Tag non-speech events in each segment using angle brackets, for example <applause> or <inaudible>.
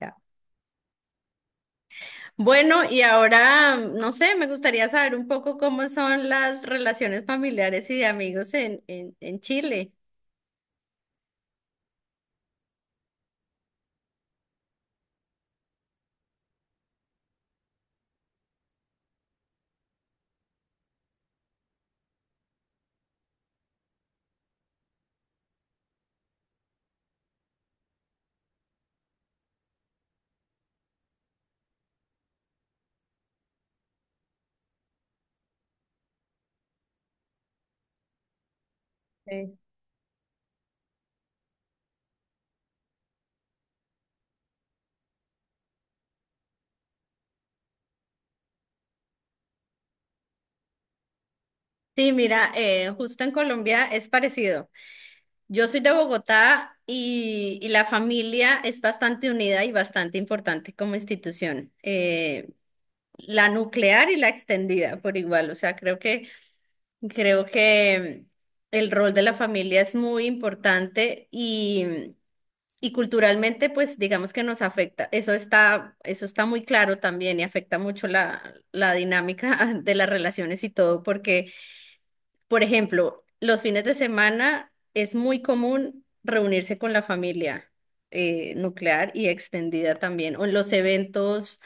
Ya. Bueno, y ahora, no sé, me gustaría saber un poco cómo son las relaciones familiares y de amigos en Chile. Sí. Sí, mira, justo en Colombia es parecido. Yo soy de Bogotá y la familia es bastante unida y bastante importante como institución. La nuclear y la extendida por igual. O sea, creo que el rol de la familia es muy importante y y culturalmente, pues digamos que nos afecta. Eso está muy claro también y afecta mucho la dinámica <laughs> de las relaciones y todo, porque, por ejemplo, los fines de semana es muy común reunirse con la familia nuclear y extendida también, o en los eventos,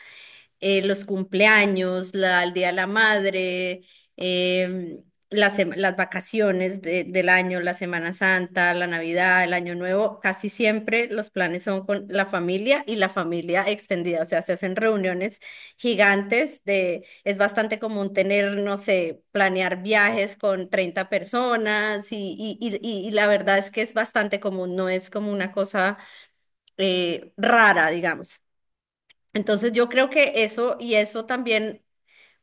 los cumpleaños, el Día de la Madre, em, las, las vacaciones del año, la Semana Santa, la Navidad, el Año Nuevo. Casi siempre los planes son con la familia y la familia extendida, o sea, se hacen reuniones gigantes de, es bastante común tener, no sé, planear viajes con 30 personas y la verdad es que es bastante común, no es como una cosa rara, digamos. Entonces yo creo que eso, y eso también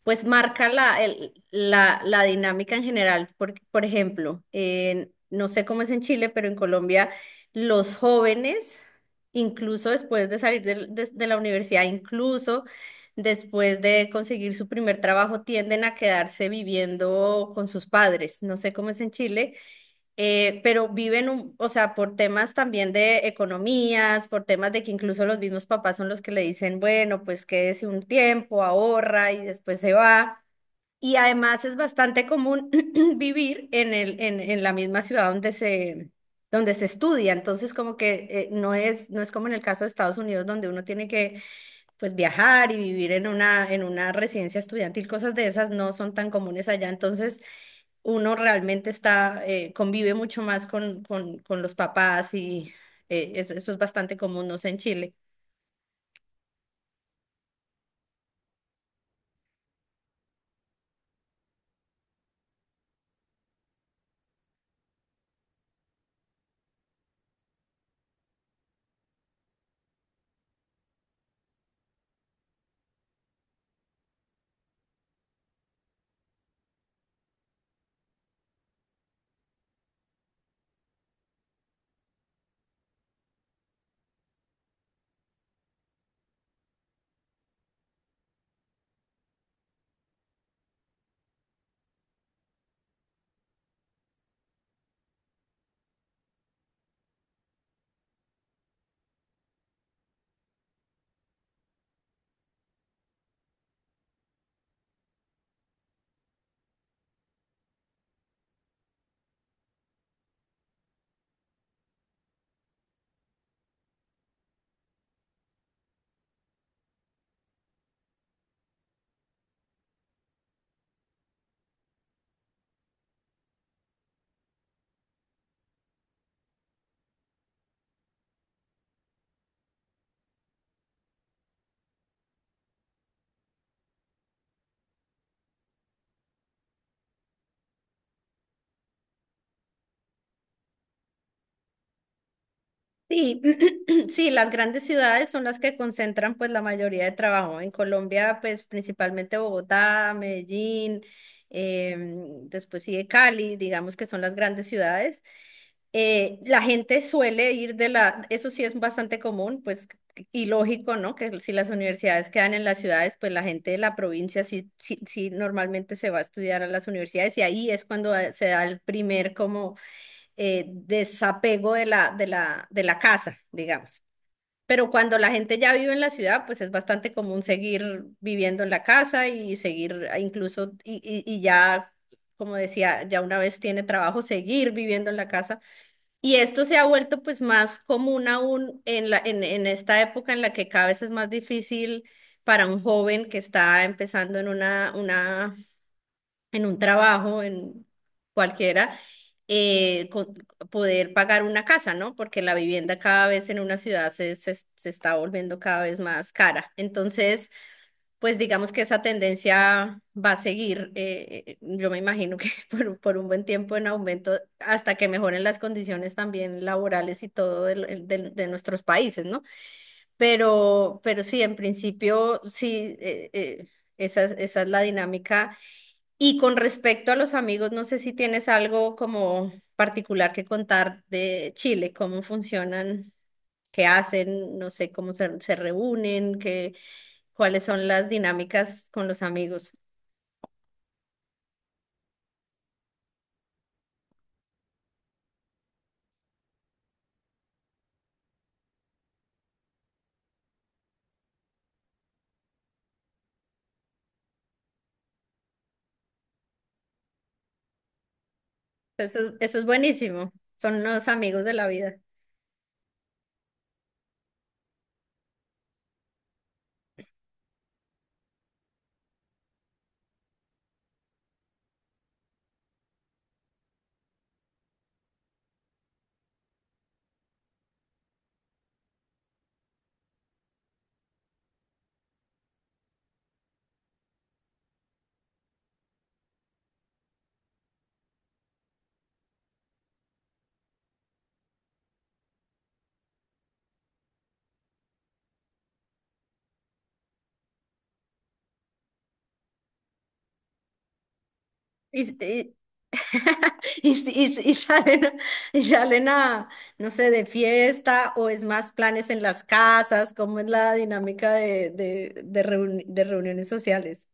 pues marca la dinámica en general. Por ejemplo, no sé cómo es en Chile, pero en Colombia los jóvenes, incluso después de salir de la universidad, incluso después de conseguir su primer trabajo, tienden a quedarse viviendo con sus padres. No sé cómo es en Chile, pero viven, un, o sea, por temas también de economías, por temas de que incluso los mismos papás son los que le dicen, bueno, pues quédese un tiempo, ahorra y después se va. Y además es bastante común <clears throat> vivir en la misma ciudad donde donde se estudia. Entonces, como que no es, no es como en el caso de Estados Unidos, donde uno tiene que pues viajar y vivir en una residencia estudiantil, cosas de esas no son tan comunes allá. Entonces, uno realmente está, convive mucho más con los papás y eso es bastante común, no sé, en Chile. Sí, <clears throat> sí, las grandes ciudades son las que concentran pues la mayoría de trabajo. En Colombia, pues principalmente Bogotá, Medellín, después sigue Cali, digamos que son las grandes ciudades. La gente suele ir de la, eso sí es bastante común, pues, y lógico, ¿no? Que si las universidades quedan en las ciudades, pues la gente de la provincia sí normalmente se va a estudiar a las universidades, y ahí es cuando se da el primer como desapego de la casa, digamos. Pero cuando la gente ya vive en la ciudad, pues es bastante común seguir viviendo en la casa y seguir incluso, y y ya, como decía, ya una vez tiene trabajo, seguir viviendo en la casa. Y esto se ha vuelto pues más común aún en en esta época en la que cada vez es más difícil para un joven que está empezando en un trabajo, en cualquiera, eh, co- poder pagar una casa, ¿no? Porque la vivienda cada vez en una ciudad se está volviendo cada vez más cara. Entonces, pues digamos que esa tendencia va a seguir, yo me imagino que <laughs> por un buen tiempo en aumento, hasta que mejoren las condiciones también laborales y todo de nuestros países, ¿no? Pero sí, en principio, sí, esa es la dinámica. Y con respecto a los amigos, no sé si tienes algo como particular que contar de Chile, cómo funcionan, qué hacen, no sé, cómo se reúnen, qué cuáles son las dinámicas con los amigos. Eso es buenísimo. Son los amigos de la vida. Y, y, <laughs> y salen, y salen a, no sé, de fiesta o es más planes en las casas, cómo es la dinámica de de reuniones sociales.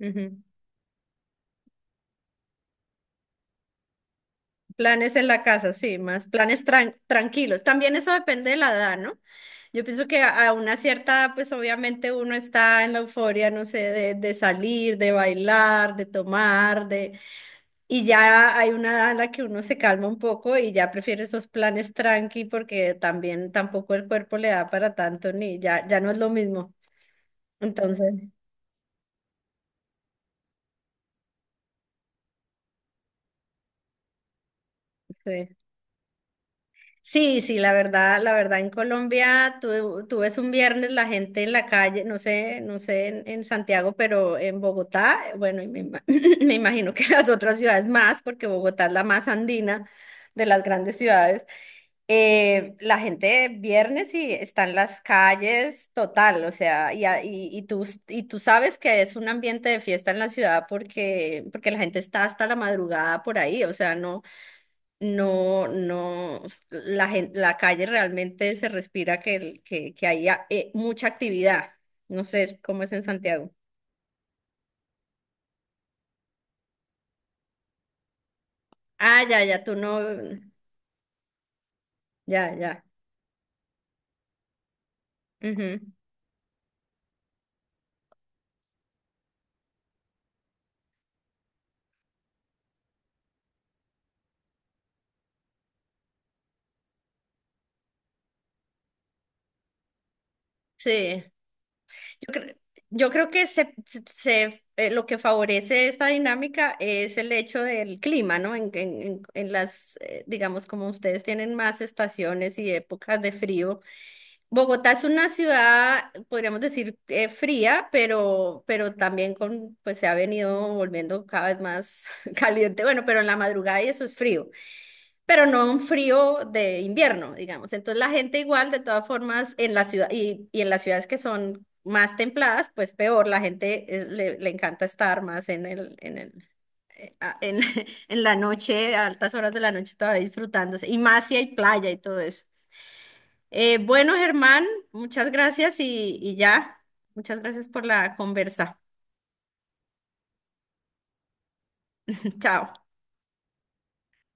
Ujú. Planes en la casa, sí, más planes tranquilos. También eso depende de la edad, ¿no? Yo pienso que a una cierta edad, pues obviamente uno está en la euforia, no sé, de salir, de bailar, de tomar, de... Y ya hay una edad en la que uno se calma un poco y ya prefiere esos planes tranqui, porque también tampoco el cuerpo le da para tanto ni ya, ya no es lo mismo. Entonces, sí. Sí, sí, la verdad en Colombia, tú ves un viernes la gente en la calle, no sé, no sé en Santiago, pero en Bogotá, bueno, y me, <laughs> <clears throat> me imagino que las otras ciudades más, porque Bogotá es la más andina de las grandes ciudades, la gente viernes y está en las calles total, o sea, y tú sabes que es un ambiente de fiesta en la ciudad, porque, porque la gente está hasta la madrugada por ahí, o sea, no, la calle realmente se respira que, que hay mucha actividad. No sé cómo es en Santiago. Ah, ya, ya, tú no, ya, ya. Ujú. Sí. Yo, creo yo creo que lo que favorece esta dinámica es el hecho del clima, ¿no? En las, digamos, como ustedes tienen más estaciones y épocas de frío. Bogotá es una ciudad, podríamos decir, fría, pero también con, pues se ha venido volviendo cada vez más <laughs> caliente. Bueno, pero en la madrugada y eso es frío, pero no un frío de invierno, digamos. Entonces la gente igual, de todas formas, en la ciudad y en las ciudades que son más templadas, pues peor, la gente le encanta estar más en el, a- en, <laughs> en la noche, a altas horas de la noche todavía disfrutándose, y más si hay playa y todo eso. Bueno, Germán, muchas gracias y ya. Muchas gracias por la conversa. <laughs> Chao.